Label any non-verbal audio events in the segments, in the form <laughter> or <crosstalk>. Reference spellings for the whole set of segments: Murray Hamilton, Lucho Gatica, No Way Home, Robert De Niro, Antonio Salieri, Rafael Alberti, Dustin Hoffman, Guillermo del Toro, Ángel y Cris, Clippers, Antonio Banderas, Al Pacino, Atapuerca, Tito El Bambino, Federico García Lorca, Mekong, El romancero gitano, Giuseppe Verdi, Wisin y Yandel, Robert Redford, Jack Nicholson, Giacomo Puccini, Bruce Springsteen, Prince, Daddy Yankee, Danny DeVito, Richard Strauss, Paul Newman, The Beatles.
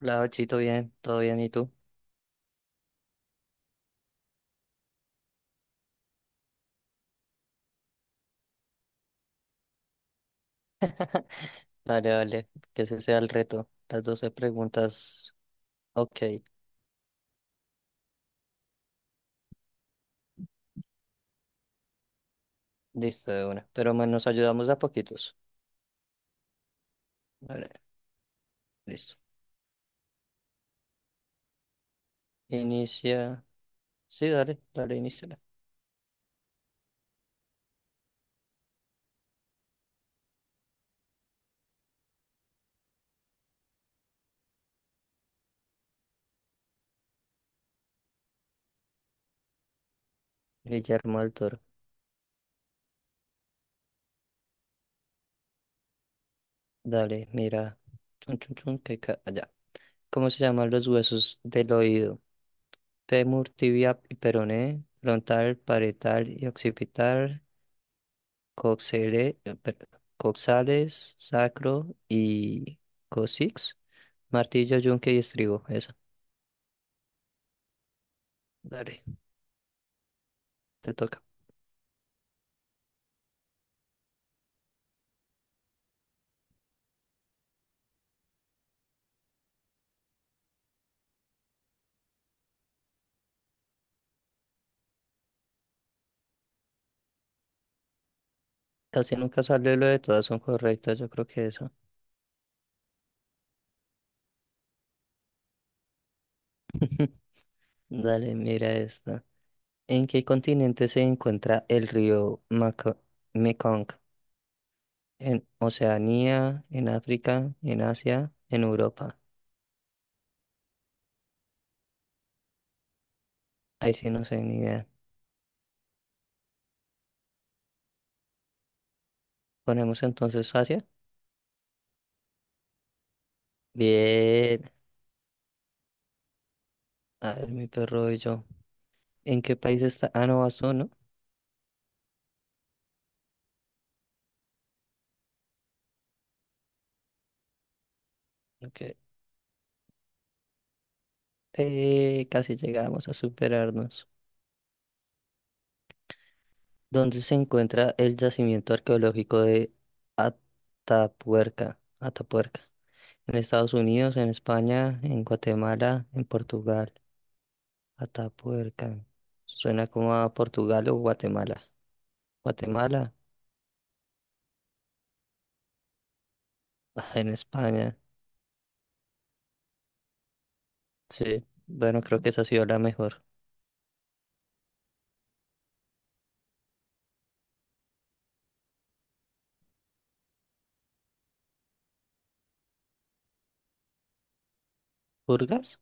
La Ochito, bien, todo bien, ¿y tú? Vale, que ese sea el reto. Las 12 preguntas, ok, listo de una. Pero bueno, nos ayudamos de a poquitos. Vale, listo. Inicia, sí, dale, inicia. Guillermo del Toro, dale, mira, chun, chun, chun, que allá. ¿Cómo se llaman los huesos del oído? Fémur, tibia y peroné, frontal, parietal y occipital, coxere- eh, per- coxales, sacro y coccyx. Martillo, yunque y estribo, eso. Dale, te toca. Casi nunca sale lo de todas son correctas, yo creo que eso. <laughs> Dale, mira esta. ¿En qué continente se encuentra el río Mekong? ¿En Oceanía, en África, en Asia, en Europa? Ahí sí no sé ni idea. Ponemos entonces Asia. Bien. A ver, mi perro y yo. ¿En qué país está? Ah, no, Azul, ¿no? Ok. Casi llegamos a superarnos. Donde se encuentra el yacimiento arqueológico de Atapuerca, en Estados Unidos, en España, en Guatemala, en Portugal. Atapuerca. Suena como a Portugal o Guatemala. Guatemala, ah, en España. Sí, bueno, creo que esa ha sido la mejor. ¿Burgas?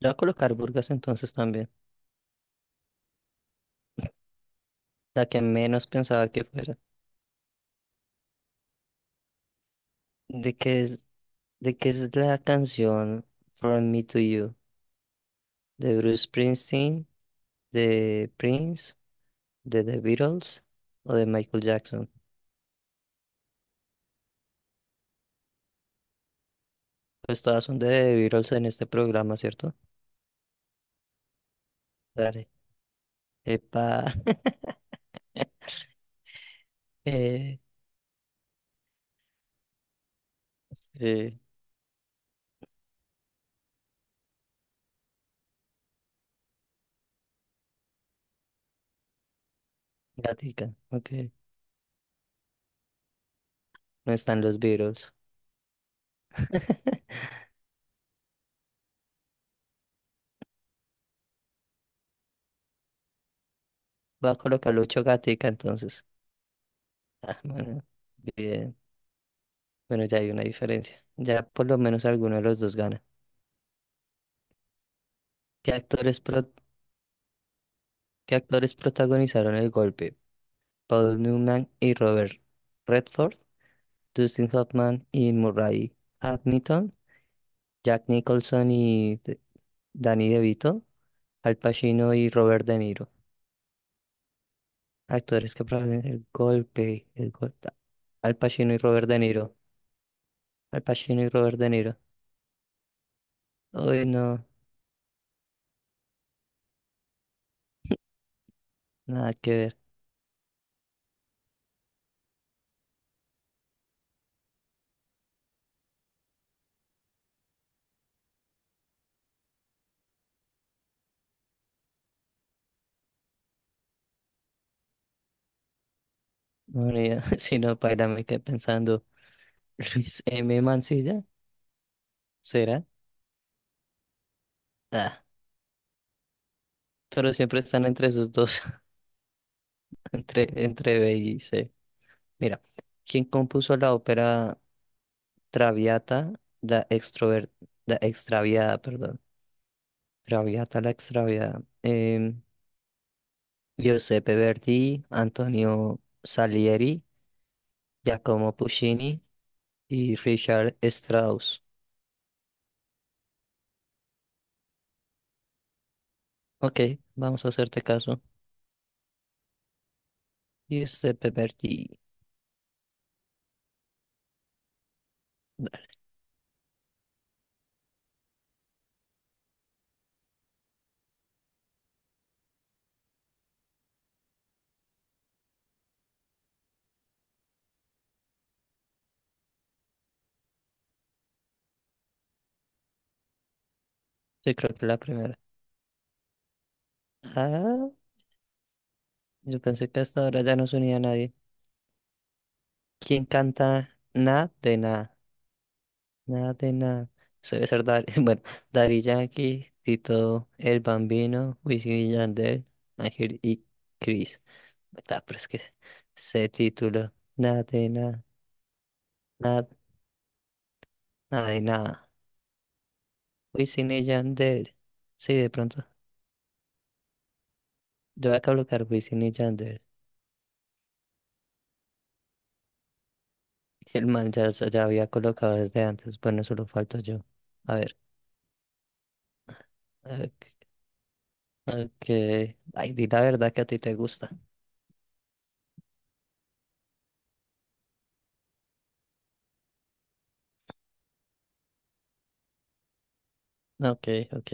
Le voy a colocar Burgas entonces también, la que menos pensaba que fuera. ¿De qué es, ¿de qué es la canción From Me to You? De Bruce Springsteen, de Prince, de The Beatles o de Michael Jackson. Pues todas son de The Beatles en este programa, ¿cierto? Dale. Epa, <laughs> eh, sí, gatica, ok. No están los Beatles. <laughs> va a colocar Lucho Gatica entonces. Ah, bueno, bien. Bueno, ya hay una diferencia. Ya por lo menos alguno de los dos gana. ¿Qué actores, pro- ¿qué actores protagonizaron el golpe? Paul Newman y Robert Redford, Dustin Hoffman y Murray Hamilton, Jack Nicholson y Danny DeVito, Al Pacino y Robert De Niro. Actores que practican el golpe, el golpe. Al Pacino y Robert De Niro. Al Pacino y Robert De Niro. Uy, no, nada que ver. No, ni idea. <laughs> si no, para me quedé pensando. Luis M. Mancilla, ¿será? Ah, pero siempre están entre sus dos, <laughs> entre B y C. Mira, ¿quién compuso la ópera Traviata, la extrover, la extraviada, perdón? Traviata, la extraviada. Giuseppe Verdi, Antonio Salieri, Giacomo Puccini y Richard Strauss. Ok, vamos a hacerte caso. Giuseppe Verdi. Sí, creo que la primera. Ah, yo pensé que hasta ahora ya no se unía a nadie. ¿Quién canta Nada de nada? Nada de nada. Eso debe ser Dari. <laughs> Bueno, Daddy Yankee, Tito El Bambino, Wisin y Yandel, Ángel y Cris. Ah, pero es que ese título. Nada de nada. Nada, nada de nada. Wisin y Yandel. Sí, de pronto. Yo voy a colocar Wisin y Yandel. Y el man ya, ya había colocado desde antes. Bueno, solo falto yo. A ver. Ok, ok. Ay, di la verdad que a ti te gusta. Ok, ok.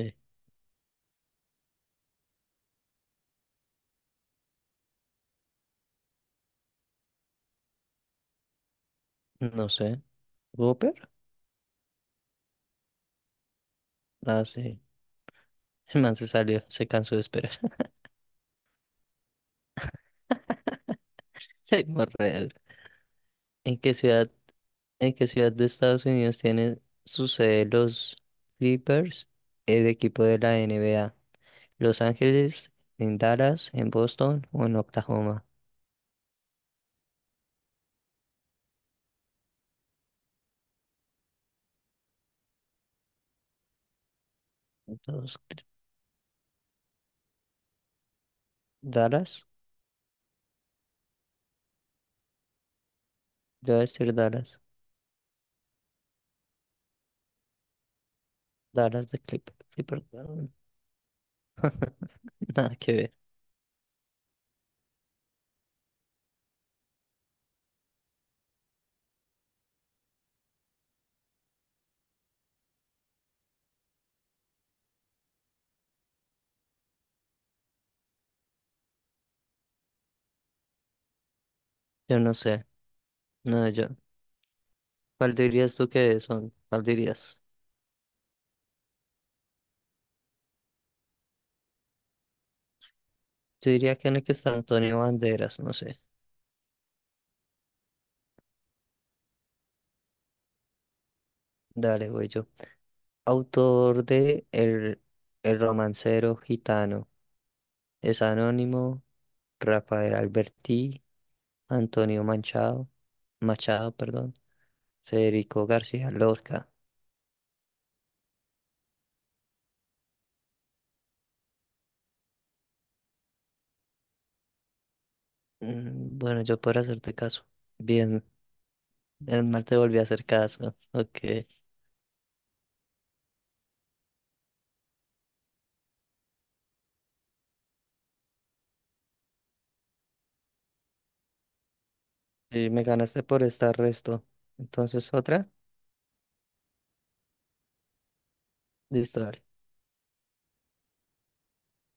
No sé. ¿Whopper? Ah, sí. El man se salió. Se cansó de esperar. <laughs> Ay, morreal. ¿En qué ciudad, ¿en qué ciudad de Estados Unidos tienen su sede los Clippers, el equipo de la NBA? Los Ángeles, en Dallas, en Boston o en Oklahoma. Entonces, cl- Dallas, yo voy a decir Dallas, Dallas de Clipper, Clipper, <laughs> nada que ver, yo no sé, no, yo, ¿cuál dirías tú que son? ¿Cuál dirías? Yo diría que en el que está Antonio Banderas, no sé, dale, güey, yo, autor de El romancero gitano, es anónimo, Rafael Alberti, Antonio Manchado, Machado, perdón, Federico García Lorca. Mm, bueno, yo puedo hacerte caso, bien. El mal te volvió a hacer caso. Ok. Y me ganaste por estar resto. Entonces, otra. Listo.